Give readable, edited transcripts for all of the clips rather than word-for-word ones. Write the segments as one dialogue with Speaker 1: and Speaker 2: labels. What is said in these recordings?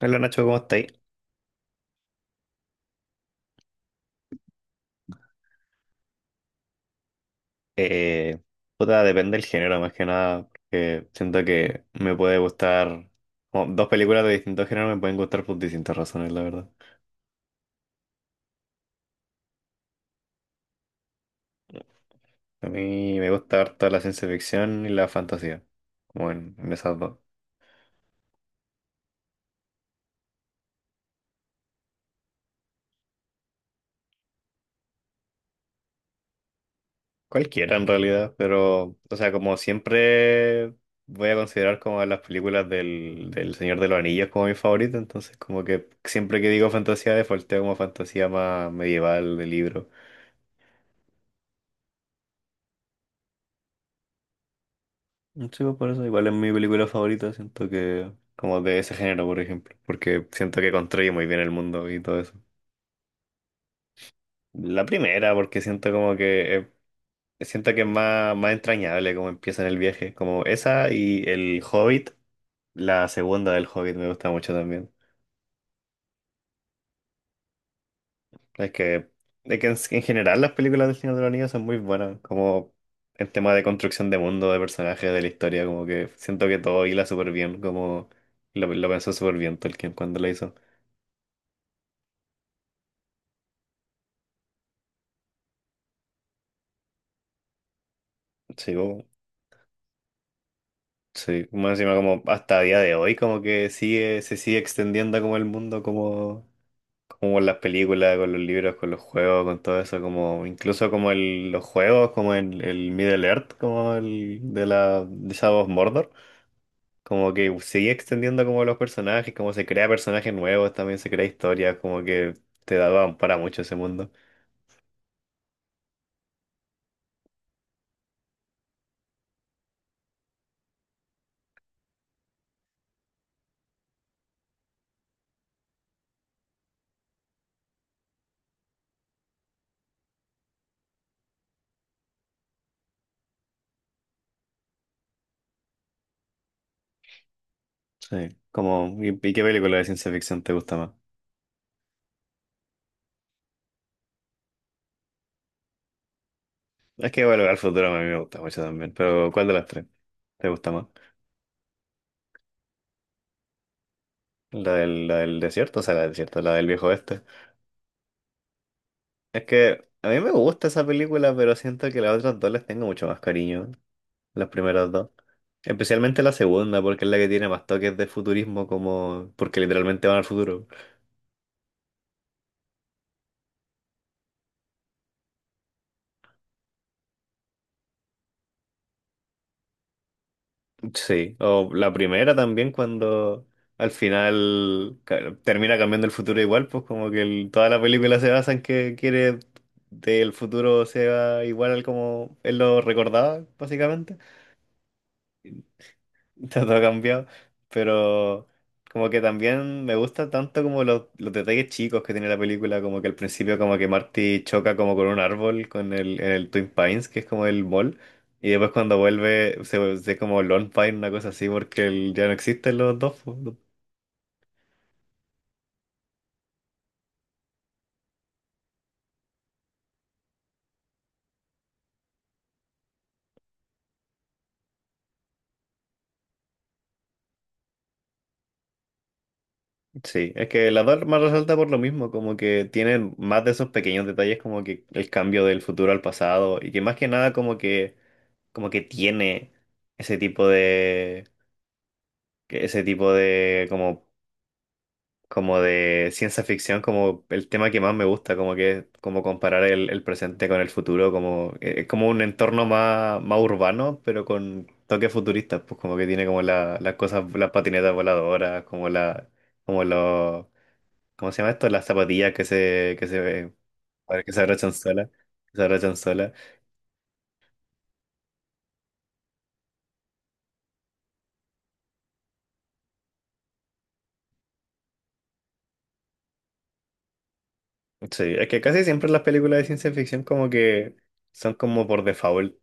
Speaker 1: Hola Nacho, ¿cómo estáis? Eh, puta, depende del género más que nada, porque siento que me puede gustar, como dos películas de distintos géneros me pueden gustar por distintas razones, la verdad. A mí me gusta harto la ciencia ficción y la fantasía, como en esas dos. Cualquiera en realidad, pero, o sea, como siempre voy a considerar como las películas del Señor de los Anillos como mi favorita, entonces como que siempre que digo fantasía, defaulteo como fantasía más medieval de libro. Sí, pues por eso igual es mi película favorita, siento que como de ese género, por ejemplo, porque siento que construye muy bien el mundo y todo eso. La primera, porque siento como que siento que es más entrañable como empieza en el viaje, como esa y el Hobbit, la segunda del Hobbit me gusta mucho también. Es que, es que en general las películas del Señor de los Anillos son muy buenas, como en tema de construcción de mundo, de personajes, de la historia, como que siento que todo hila súper bien, como lo pensó súper bien Tolkien cuando lo hizo. Sí, bo- sí, más encima como hasta día de hoy como que sigue, se sigue extendiendo como el mundo, como, como con las películas, con los libros, con los juegos, con todo eso, como incluso como los juegos, como el Middle Earth, como el de la de Shadow of Mordor, como que sigue extendiendo como los personajes, como se crea personajes nuevos, también se crea historias, como que te da para mucho ese mundo. Sí, como, y qué película de ciencia ficción te gusta más? Es que Volver al Futuro a mí me gusta mucho también, pero ¿cuál de las tres te gusta más? La del desierto, o sea, la del desierto, la del viejo oeste. Es que a mí me gusta esa película, pero siento que las otras dos les tengo mucho más cariño, las primeras dos. Especialmente la segunda, porque es la que tiene más toques de futurismo, como porque literalmente van al futuro. Sí, o la primera también cuando al final termina cambiando el futuro igual, pues como que el- toda la película se basa en que quiere que el futuro sea igual al como él lo recordaba, básicamente. Está todo cambiado, pero como que también me gusta tanto como los detalles chicos que tiene la película, como que al principio como que Marty choca como con un árbol con en el Twin Pines, que es como el mall, y después cuando vuelve se como Lone Pine, una cosa así, porque el- ya no existen los dos, po, no. Sí, es que la dos más resalta por lo mismo, como que tienen más de esos pequeños detalles como que el cambio del futuro al pasado, y que más que nada como que, como que tiene ese tipo de que ese tipo de como como de ciencia ficción como el tema que más me gusta como que como comparar el presente con el futuro como es como un entorno más urbano pero con toques futuristas pues como que tiene como la- las cosas las patinetas voladoras como la como los ¿cómo se llama esto? Las zapatillas que se abrochan solas. Sí, es que casi siempre las películas de ciencia ficción como que son como por default.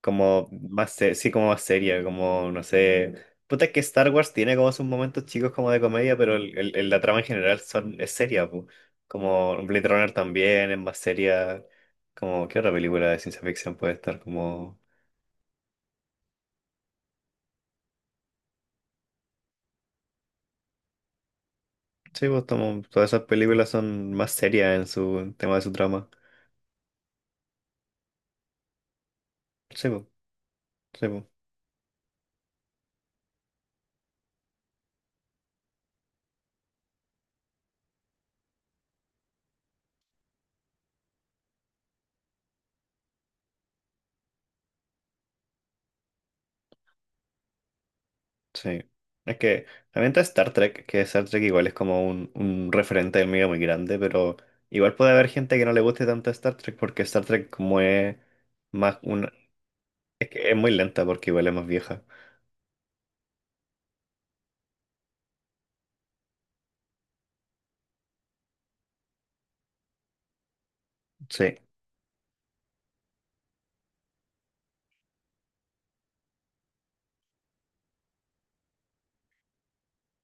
Speaker 1: Como más, sí, como más seria, como, no sé. Puta, es que Star Wars tiene como sus momentos chicos como de comedia, pero la trama en general es seria, pu. Como Blade Runner también es más seria. Como, ¿qué otra película de ciencia ficción puede estar como...? Sí, pues, como todas esas películas son más serias en su en tema de su trama. Sí, pues, sí, pues. Sí. Es que también está Star Trek, que Star Trek igual es como un referente del medio muy grande, pero igual puede haber gente que no le guste tanto Star Trek porque Star Trek como es más una... Es que es muy lenta porque igual es más vieja. Sí,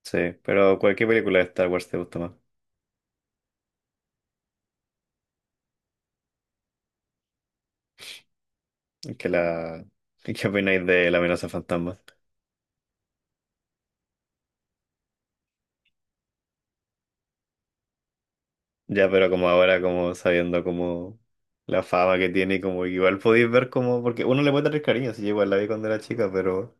Speaker 1: sí. Pero cualquier película de Star Wars te gusta más. Que la... ¿Qué opináis de La amenaza fantasma? Ya, pero como ahora, como sabiendo como la fama que tiene, y como igual podéis ver como... Porque uno le puede tener cariño, si yo igual la vi cuando era chica, pero...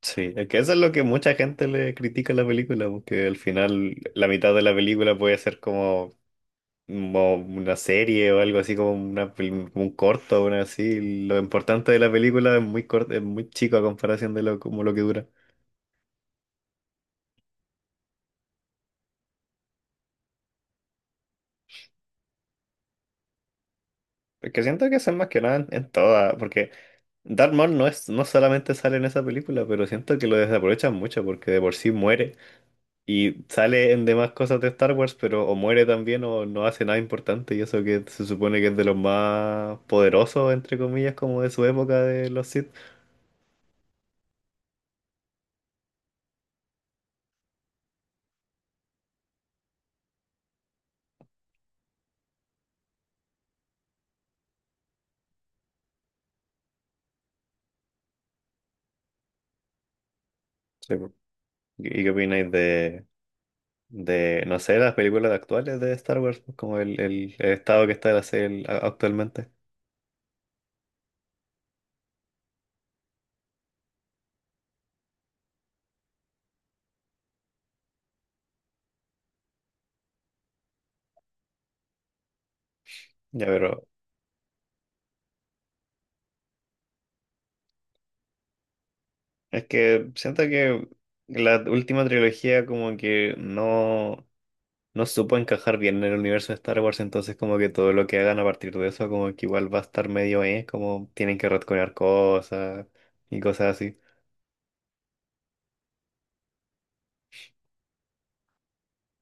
Speaker 1: Sí, es que eso es lo que mucha gente le critica a la película, porque al final la mitad de la película puede ser como una serie o algo así, como, una, como un corto o una así. Lo importante de la película es muy corto, es muy chico a comparación de lo, como lo que dura. Es que siento que eso es más que nada en, en toda, porque Darth Maul no solamente sale en esa película, pero siento que lo desaprovechan mucho porque de por sí muere. Y sale en demás cosas de Star Wars, pero o muere también o no hace nada importante. Y eso que se supone que es de los más poderosos, entre comillas, como de su época de los Sith. Sí, po. ¿Y qué opináis de, no sé, las películas actuales de Star Wars? Pues, como el estado que está la serie a- actualmente. Ya, pero es que siento que la última trilogía como que no... No supo encajar bien en el universo de Star Wars, entonces como que todo lo que hagan a partir de eso como que igual va a estar medio, como tienen que retconear cosas y cosas así,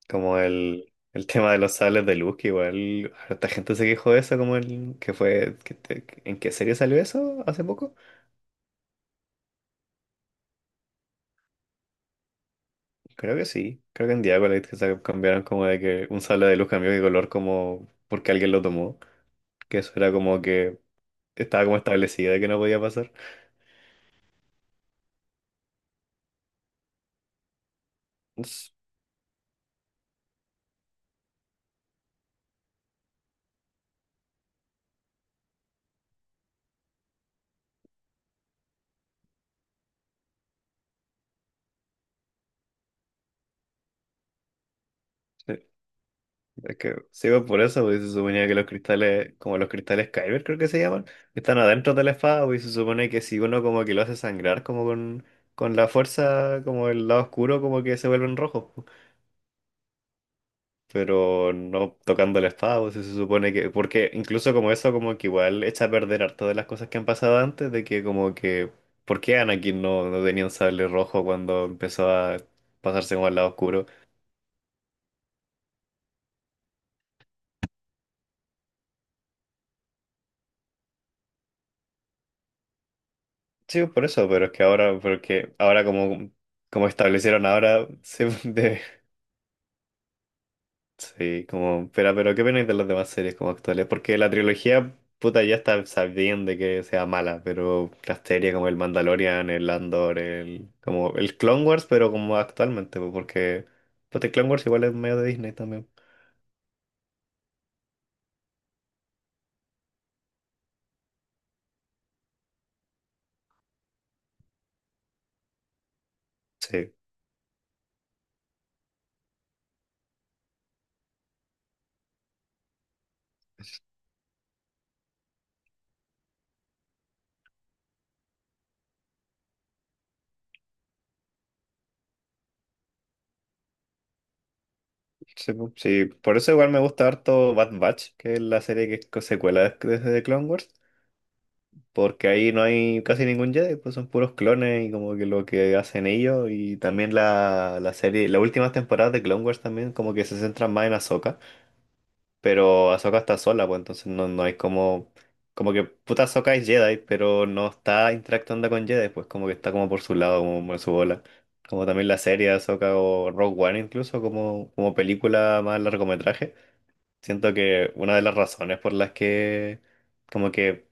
Speaker 1: como el tema de los sables de luz, que igual harta gente se quejó de eso, como el que fue, que te- ¿en qué serie salió eso hace poco? Creo que sí, creo que en Diabolite que se cambiaron como de que un sable de luz cambió de color como porque alguien lo tomó, que eso era como que estaba como establecido de que no podía pasar. Es que sí, pues, por eso, pues, se suponía que los cristales, como los cristales Kyber creo que se llaman, que están adentro de la espada, pues, y se supone que si uno como que lo hace sangrar como con la fuerza, como el lado oscuro, como que se vuelven rojos, pues. Pero no tocando la espada, pues, se supone que, porque incluso como eso como que igual echa a perder harto de las cosas que han pasado antes, de que como que, ¿por qué Anakin no tenía un sable rojo cuando empezó a pasarse como al lado oscuro? Sí, por eso, pero es que ahora, porque ahora como, como establecieron ahora, sí, como, pero ¿qué opináis de las demás series como actuales? Porque la trilogía, puta, ya está sabiendo de que sea mala, pero las series como el Mandalorian, el Andor, el, como el Clone Wars, pero como actualmente, pues, porque, pues el Clone Wars igual es medio de Disney también. Sí, sí, sí, por eso igual me gusta harto Bad Batch, que es la serie que es co- secuela de Clone Wars. Porque ahí no hay casi ningún Jedi, pues son puros clones y como que lo que hacen ellos. Y también la serie, las últimas temporadas de Clone Wars también como que se centran más en Ahsoka. Pero Ahsoka está sola, pues entonces no hay como... Como que puta Ahsoka es Jedi, pero no está interactuando con Jedi, pues como que está como por su lado, como en su bola. Como también la serie de Ahsoka o Rogue One incluso, como, como película más largometraje. Siento que una de las razones por las que como que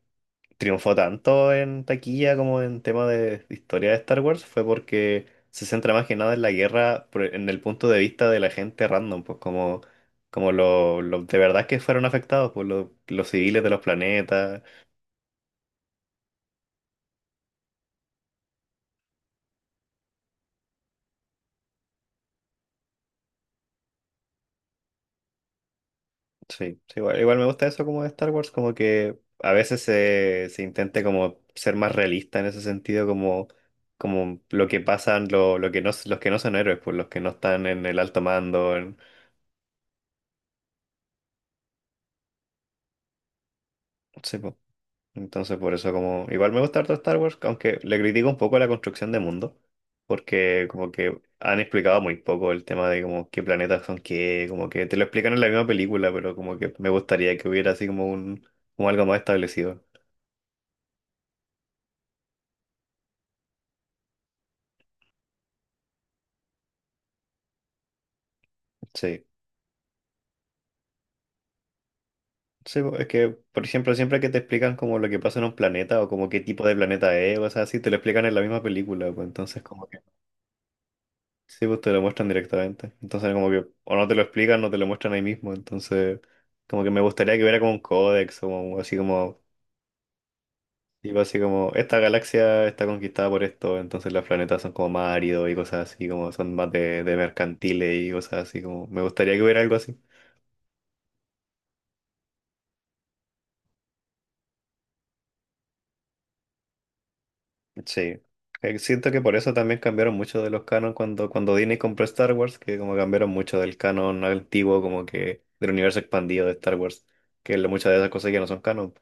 Speaker 1: triunfó tanto en taquilla como en tema de historia de Star Wars fue porque se centra más que nada en la guerra, por- en el punto de vista de la gente random, pues como, como los de verdad que fueron afectados, pues los civiles de los planetas. Sí, sí, igual, igual me gusta eso como de Star Wars, como que a veces se intente como ser más realista en ese sentido, como, como lo que pasan, lo que los que no son héroes, pues los que no están en el alto mando. Sí, pues. Entonces, por eso como... Igual me gusta harto Star Wars, aunque le critico un poco la construcción de mundo, porque como que han explicado muy poco el tema de como qué planetas son qué, como que te lo explican en la misma película, pero como que me gustaría que hubiera así como un, como algo más establecido. Sí. Sí, po, es que, por ejemplo, siempre que te explican como lo que pasa en un planeta o como qué tipo de planeta es, o sea, así te lo explican en la misma película, pues entonces como que sí, pues te lo muestran directamente. Entonces, como que, o no te lo explican, no te lo muestran ahí mismo. Entonces, como que me gustaría que hubiera como un códex, o como- así como, tipo así como, esta galaxia está conquistada por esto, entonces los planetas son como más áridos y cosas así, como son más de mercantiles y cosas así, como, me gustaría que hubiera algo así. Sí. Siento que por eso también cambiaron mucho de los canon cuando, cuando Disney compró Star Wars, que como cambiaron mucho del canon antiguo, como que del universo expandido de Star Wars, que muchas de esas cosas ya no son canon.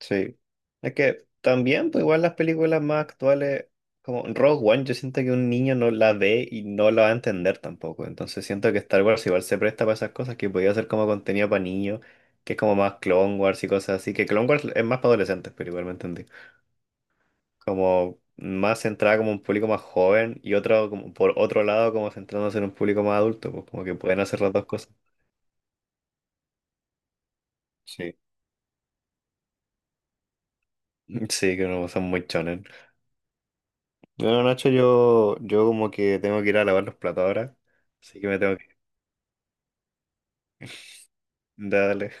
Speaker 1: Sí. Es que también, pues igual las películas más actuales, como Rogue One, yo siento que un niño no la ve y no la va a entender tampoco. Entonces siento que Star Wars igual se presta para esas cosas que podía ser como contenido para niños, que es como más Clone Wars y cosas así, que Clone Wars es más para adolescentes, pero igual me entendí. Como más centrada como un público más joven y otro, como por otro lado, como centrándose en un público más adulto, pues como que pueden hacer las dos cosas. Sí. Sí, que no son muy chonen. Bueno, Nacho, yo como que tengo que ir a lavar los platos ahora, así que me tengo que... Dale.